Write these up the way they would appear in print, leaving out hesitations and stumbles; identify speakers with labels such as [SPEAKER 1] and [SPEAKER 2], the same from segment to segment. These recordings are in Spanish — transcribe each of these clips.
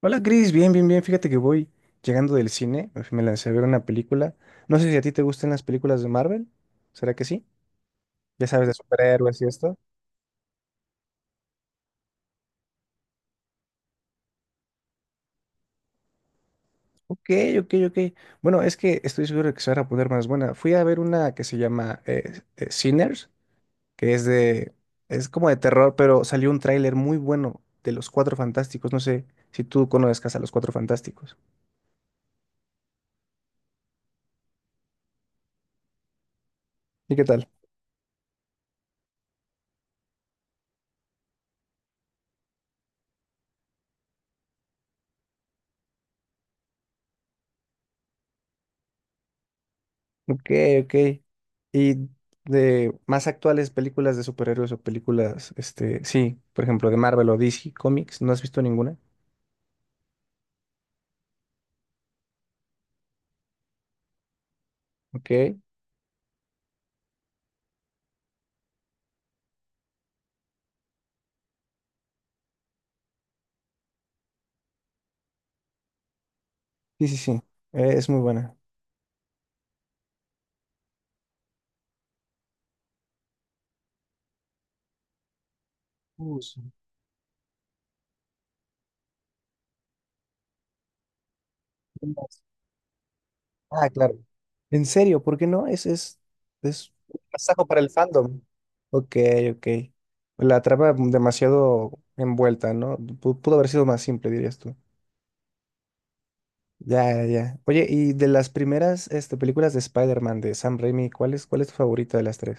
[SPEAKER 1] Hola Cris, bien, bien, bien. Fíjate que voy llegando del cine, me lancé a ver una película. No sé si a ti te gustan las películas de Marvel. ¿Será que sí? Ya sabes, de superhéroes y esto. Ok, ok, ok. Bueno, es que estoy seguro de que se van a poner más buena. Fui a ver una que se llama Sinners, que es de, es como de terror, pero salió un tráiler muy bueno de Los Cuatro Fantásticos. No sé si tú conozcas a Los Cuatro Fantásticos. ¿Y qué tal? Ok, ok. Y de más actuales películas de superhéroes o películas, este, sí, por ejemplo, de Marvel o DC Comics, ¿no has visto ninguna? Ok. Sí, sí, sí, es muy buena. Sí. Ah, claro. En serio, ¿por qué no? Es un pasaje para el fandom. Ok, ok. La trama demasiado envuelta, ¿no? Pudo haber sido más simple, dirías tú. Ya, ya, ya. Oye, y de las primeras este, películas de Spider-Man de Sam Raimi, ¿cuál es tu favorita de las tres?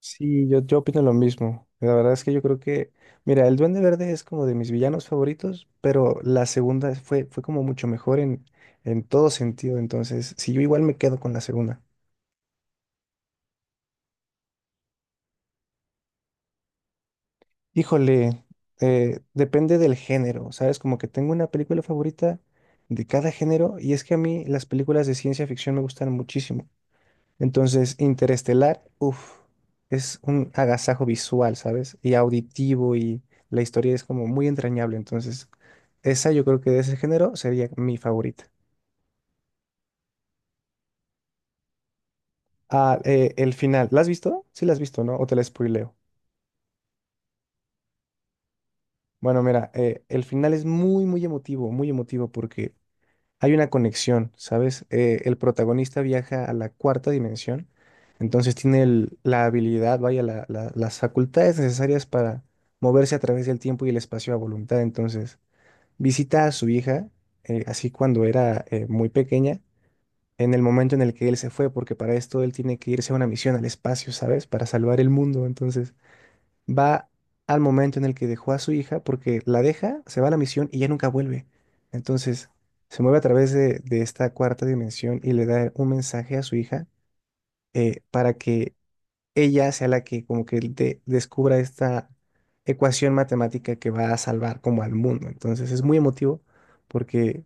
[SPEAKER 1] Sí, yo opino lo mismo. La verdad es que yo creo que, mira, el Duende Verde es como de mis villanos favoritos, pero fue como mucho mejor en todo sentido. Entonces, si yo igual me quedo con la segunda. Híjole, depende del género, ¿sabes? Como que tengo una película favorita de cada género, y es que a mí las películas de ciencia ficción me gustan muchísimo. Entonces, Interestelar, uff, es un agasajo visual, ¿sabes? Y auditivo, y la historia es como muy entrañable. Entonces, esa yo creo que de ese género sería mi favorita. Ah, el final, ¿la has visto? Sí, la has visto, ¿no? O te la spoileo. Bueno, mira, el final es muy, muy emotivo, muy emotivo, porque hay una conexión, ¿sabes? El protagonista viaja a la cuarta dimensión, entonces tiene la habilidad, vaya, las facultades necesarias para moverse a través del tiempo y el espacio a voluntad. Entonces, visita a su hija, así cuando era muy pequeña, en el momento en el que él se fue, porque para esto él tiene que irse a una misión al espacio, ¿sabes? Para salvar el mundo. Entonces, va al momento en el que dejó a su hija, porque la deja, se va a la misión y ya nunca vuelve. Entonces, se mueve a través de esta cuarta dimensión y le da un mensaje a su hija para que ella sea la que como que descubra esta ecuación matemática que va a salvar como al mundo. Entonces, es muy emotivo porque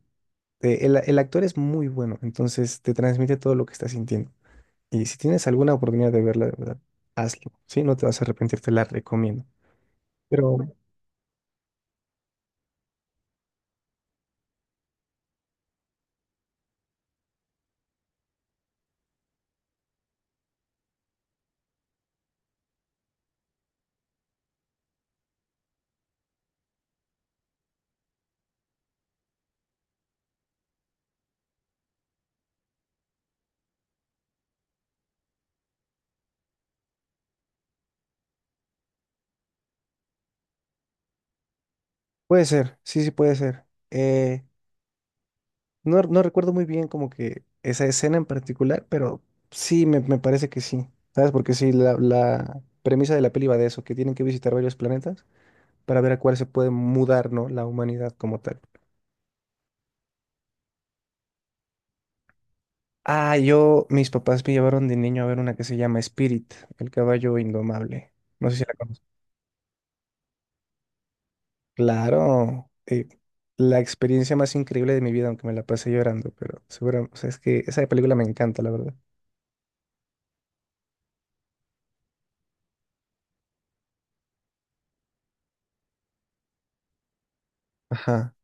[SPEAKER 1] el actor es muy bueno, entonces te transmite todo lo que está sintiendo. Y si tienes alguna oportunidad de verla, de verdad, hazlo, ¿sí? No te vas a arrepentir, te la recomiendo. Pero puede ser, sí, sí, puede ser. Eh, no, no recuerdo muy bien como que esa escena en particular, pero sí, me parece que sí. ¿Sabes? Porque sí, la premisa de la peli va de eso, que tienen que visitar varios planetas para ver a cuál se puede mudar, ¿no? La humanidad como tal. Ah, yo, mis papás me llevaron de niño a ver una que se llama Spirit, el caballo indomable. No sé si la conoces. Claro, la experiencia más increíble de mi vida, aunque me la pasé llorando, pero seguro, o sea, es que esa película me encanta, la verdad. Ajá.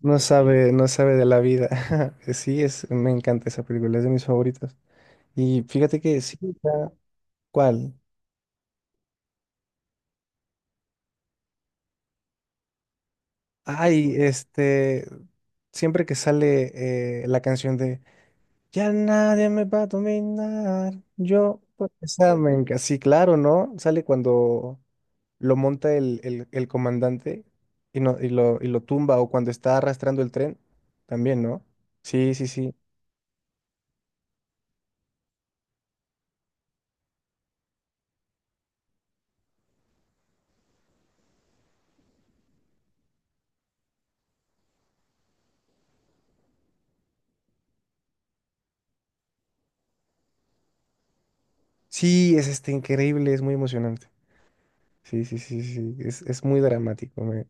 [SPEAKER 1] No sabe, no sabe de la vida. Sí, es, me encanta esa película, es de mis favoritas. Y fíjate que sí, ya- ¿cuál? Ay, este, siempre que sale la canción de Ya nadie me va a dominar, yo, pues, esa me encanta. Sí, claro, ¿no? Sale cuando lo monta el comandante y, no, y lo tumba, o cuando está arrastrando el tren, también, ¿no? Sí, sí, sí. Sí, es este increíble, es muy emocionante. Sí, sí, sí, sí, sí. Es muy dramático. Me,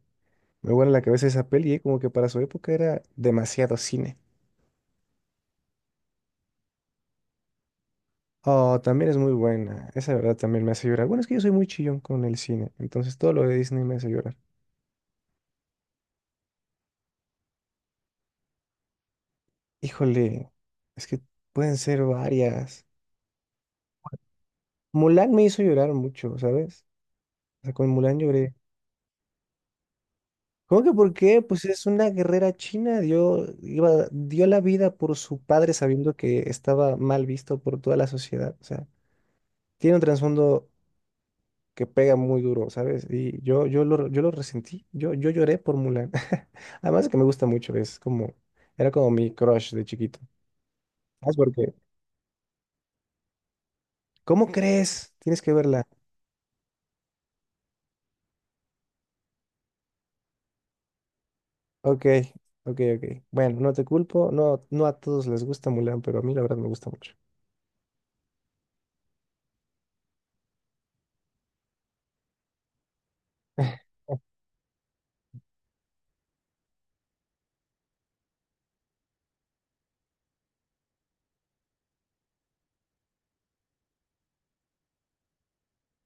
[SPEAKER 1] me vuela la cabeza esa peli, como que para su época era demasiado cine. Oh, también es muy buena. Esa de verdad también me hace llorar. Bueno, es que yo soy muy chillón con el cine. Entonces todo lo de Disney me hace llorar. Híjole, es que pueden ser varias. Mulan me hizo llorar mucho, ¿sabes? O sea, con Mulan lloré. ¿Cómo que por qué? Pues es una guerrera china. Dio, iba, dio la vida por su padre sabiendo que estaba mal visto por toda la sociedad. O sea, tiene un trasfondo que pega muy duro, ¿sabes? Yo lo resentí, yo lloré por Mulan. Además de que me gusta mucho, es como, era como mi crush de chiquito. ¿Sabes por qué? ¿Cómo crees? Tienes que verla. Ok, ok, ok. Bueno, no te culpo, no, no a todos les gusta Mulan, pero a mí la verdad me gusta mucho.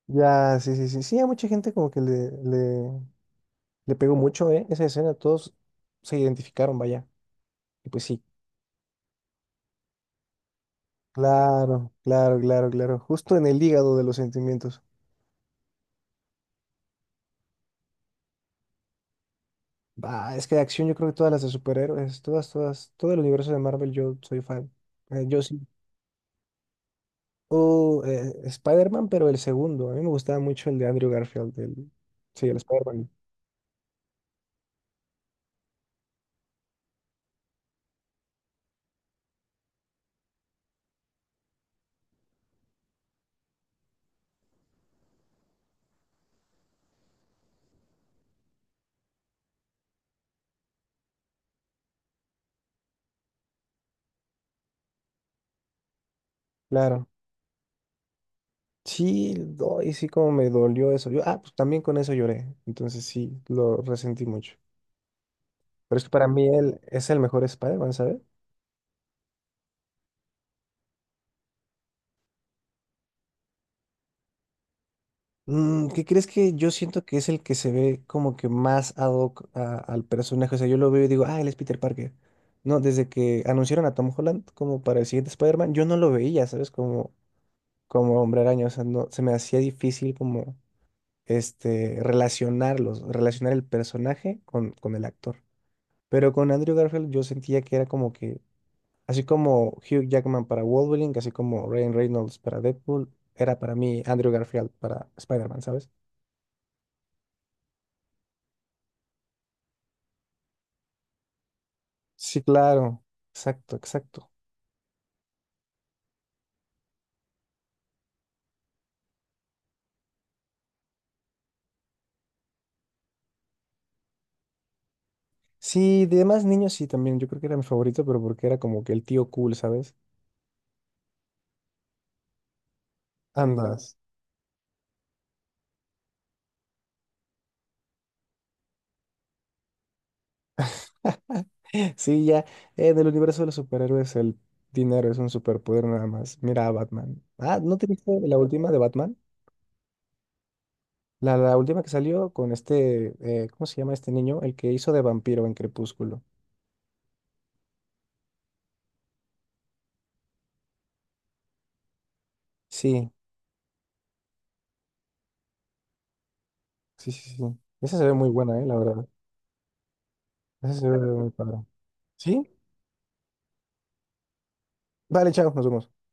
[SPEAKER 1] Ya, sí, sí, sí. Sí, a mucha gente como que le pegó mucho, ¿eh? Esa escena, todos se identificaron, vaya. Y pues sí. Claro, claro, claro, claro. Justo en el hígado de los sentimientos. Bah, es que de acción yo creo que todas las de superhéroes, todas, todas, todo el universo de Marvel yo soy fan. Yo sí. O Spider-Man, pero el segundo. A mí me gustaba mucho el de Andrew Garfield. El... Sí, el Spider-Man. Claro. Sí, y sí como me dolió eso. Yo, ah, pues también con eso lloré. Entonces sí, lo resentí mucho. Pero es que para mí él es el mejor Spider-Man, ¿sabes? Mm, ¿qué crees? Que yo siento que es el que se ve como que más ad hoc al personaje. O sea, yo lo veo y digo, ah, él es Peter Parker. No, desde que anunciaron a Tom Holland como para el siguiente Spider-Man, yo no lo veía, ¿sabes? Como, como Hombre Araña, o sea, no, se me hacía difícil como este, relacionarlos, relacionar el personaje con el actor. Pero con Andrew Garfield yo sentía que era como que, así como Hugh Jackman para Wolverine, así como Ryan Reynolds para Deadpool, era para mí Andrew Garfield para Spider-Man, ¿sabes? Sí, claro, exacto, exacto. Sí, de demás niños sí también, yo creo que era mi favorito, pero porque era como que el tío cool, ¿sabes? Andas. Sí, ya, en el universo de los superhéroes el dinero es un superpoder nada más. Mira a Batman. Ah, ¿no te viste la última de Batman? La última que salió con este, ¿cómo se llama este niño? El que hizo de vampiro en Crepúsculo. Sí, sí, sí, sí. Esa se ve muy buena, la verdad. Esa se ve muy padre. ¿Sí? Vale, chao, nos vemos.